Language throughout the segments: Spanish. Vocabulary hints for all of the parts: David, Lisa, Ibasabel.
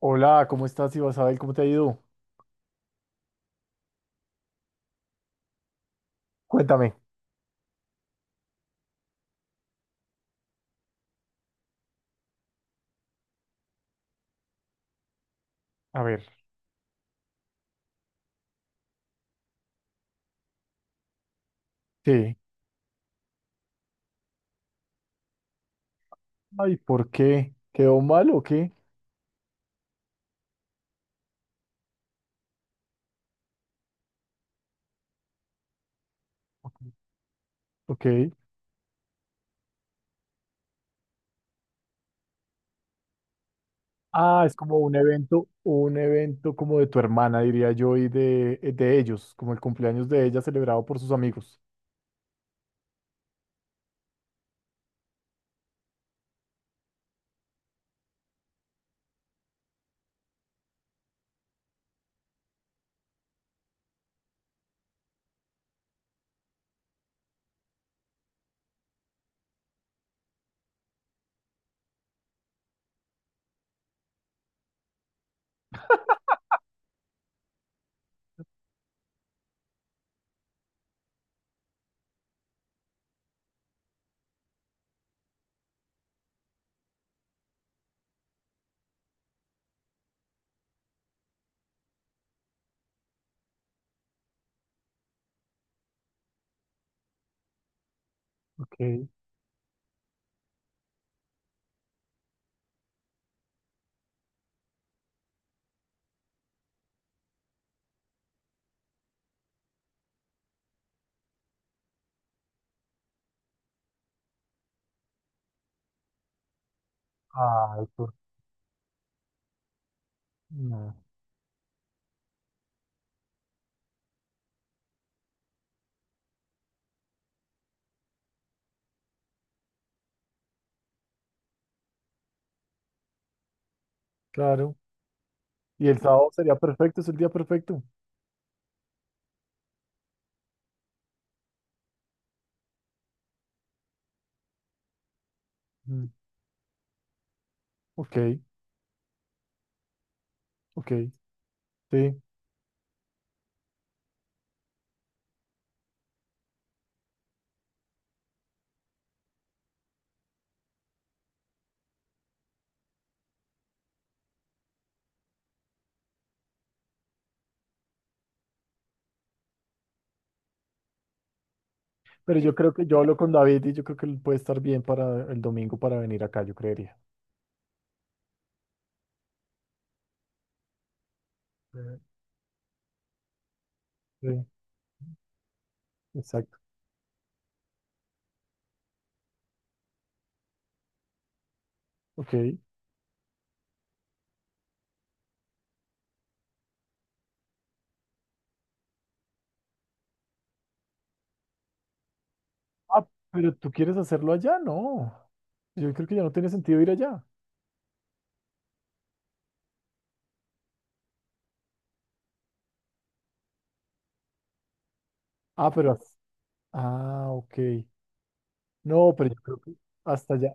Hola, ¿cómo estás, Ibasabel? ¿Cómo te ha ido? Cuéntame, a ver. Sí. Ay, ¿por qué? ¿Quedó mal o qué? Ok. Ah, es como un evento como de tu hermana, diría yo, y de ellos, como el cumpleaños de ella celebrado por sus amigos. Ok. Ay, por... no. Claro. Y el sábado sería perfecto, es el día perfecto. Mm. Ok, ok, sí. Pero yo creo que yo hablo con David y yo creo que él puede estar bien para el domingo para venir acá, yo creería. Eh, Sí, exacto. Ok. Ah, pero tú quieres hacerlo allá, no. Yo creo que ya no tiene sentido ir allá. Ah, pero... as- Ah, ok. No, pero yo creo que hasta allá.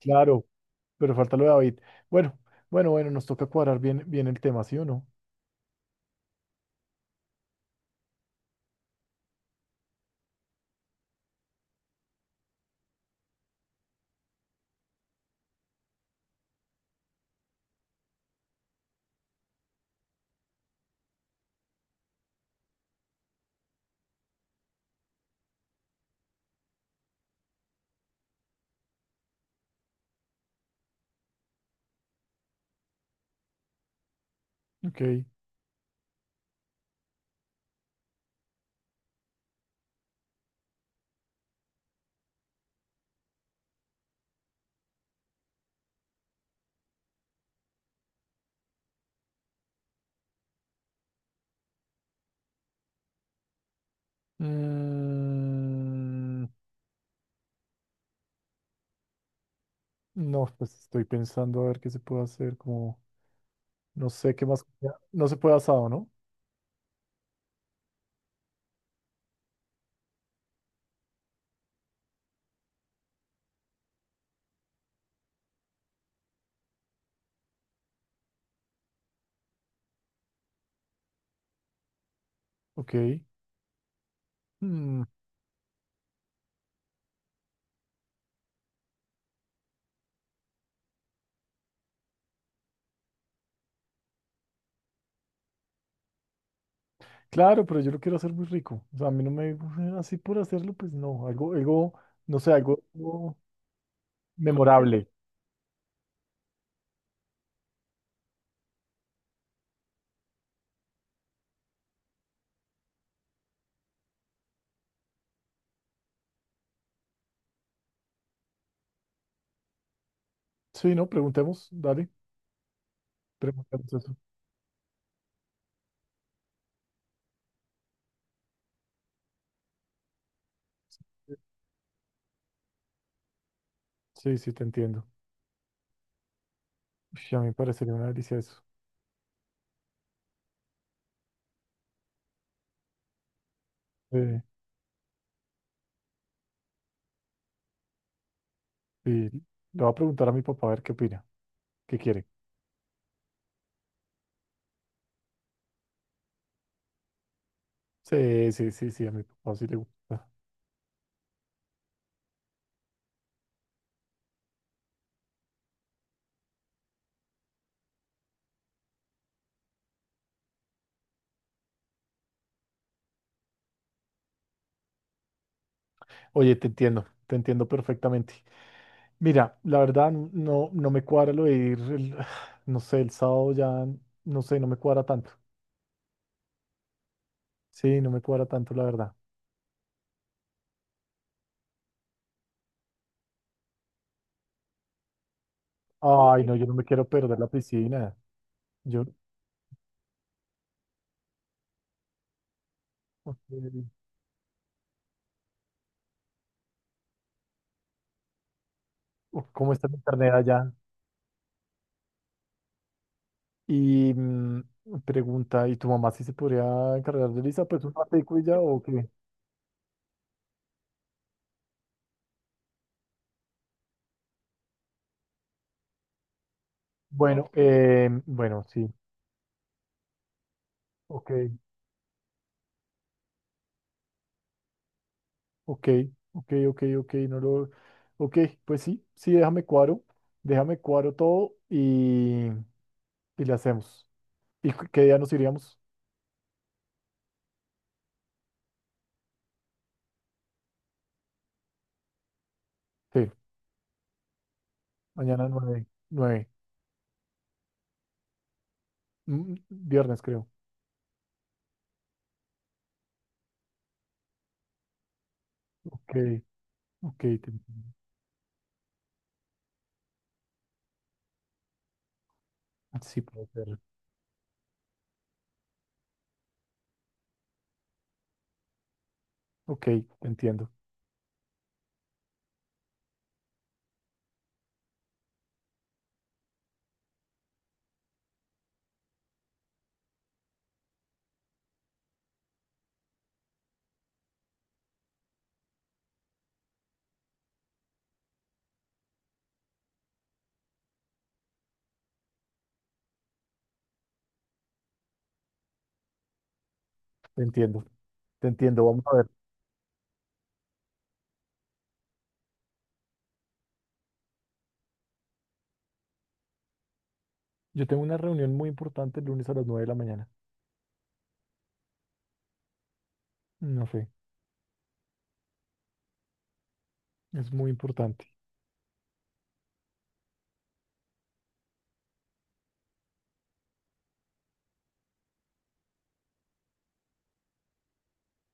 Claro, pero falta lo de David. Bueno, bueno, bueno, nos toca cuadrar bien, bien el tema, ¿sí o no? Ok. Mm. No, pues estoy pensando a ver qué se puede hacer, como no sé qué más. No se puede asado, ¿no? Ok. Mm, claro, pero yo lo quiero hacer muy rico. O sea, a mí no me así por hacerlo, pues no. Algo, algo, no sé, algo, algo memorable. Sí, no, preguntemos, dale, preguntemos eso. Sí, sí, te entiendo. Uy, a mí me parecería una delicia eso. Eh, sí, le voy a preguntar a mi papá a ver qué opina, qué quiere. Sí, sí, sí, sí, a mi papá sí le gusta. Oye, te entiendo perfectamente. Mira, la verdad no, no me cuadra lo de ir, el- no sé, el sábado ya, no sé, no me cuadra tanto. Sí, no me cuadra tanto, la verdad. Ay, no, yo no me quiero perder la piscina. Yo, ok, uf, ¿cómo está el internet allá? Y mm, pregunta, ¿y tu mamá si se podría encargar de Lisa? Pues un ratico y ya, ¿o qué? Bueno, bueno, sí, ok. Ok, ok, no lo... Ok, pues sí, sí, déjame cuadro todo y le hacemos. ¿Y qué día nos iríamos? Sí, mañana 9, 9, mm, viernes creo. Ok, ok, te entiendo. Sí, puede ser. Ok, te entiendo, te entiendo, te entiendo, vamos a ver. Yo tengo una reunión muy importante el lunes a las 9 de la mañana. No sé, es muy importante.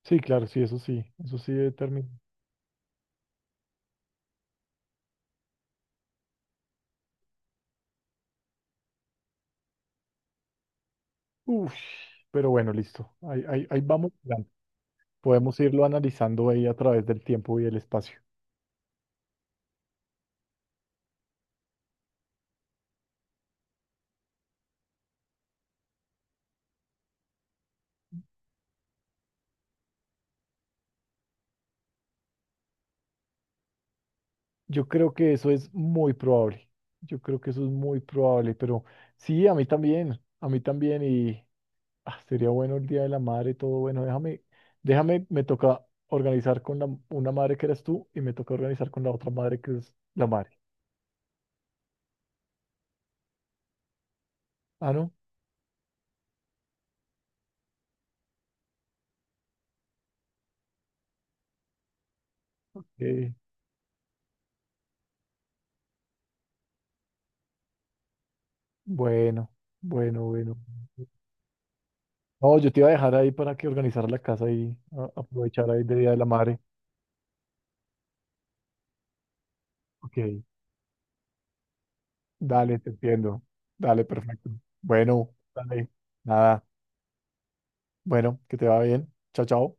Sí, claro, sí, eso sí, eso sí determina. Uf, pero bueno, listo, ahí, ahí, ahí vamos. Podemos irlo analizando ahí a través del tiempo y el espacio. Yo creo que eso es muy probable. Yo creo que eso es muy probable, pero sí, a mí también y ah, sería bueno el Día de la Madre, todo bueno. Déjame, déjame, me toca organizar con la, una madre que eres tú y me toca organizar con la otra madre que es la madre. Ah, ¿no? Eh, bueno, bueno, bueno. No, yo te iba a dejar ahí para que organizar la casa y aprovechar ahí de Día de la Madre. Ok. Dale, te entiendo. Dale, perfecto. Bueno, dale. Nada. Bueno, que te va bien. Chao, chao.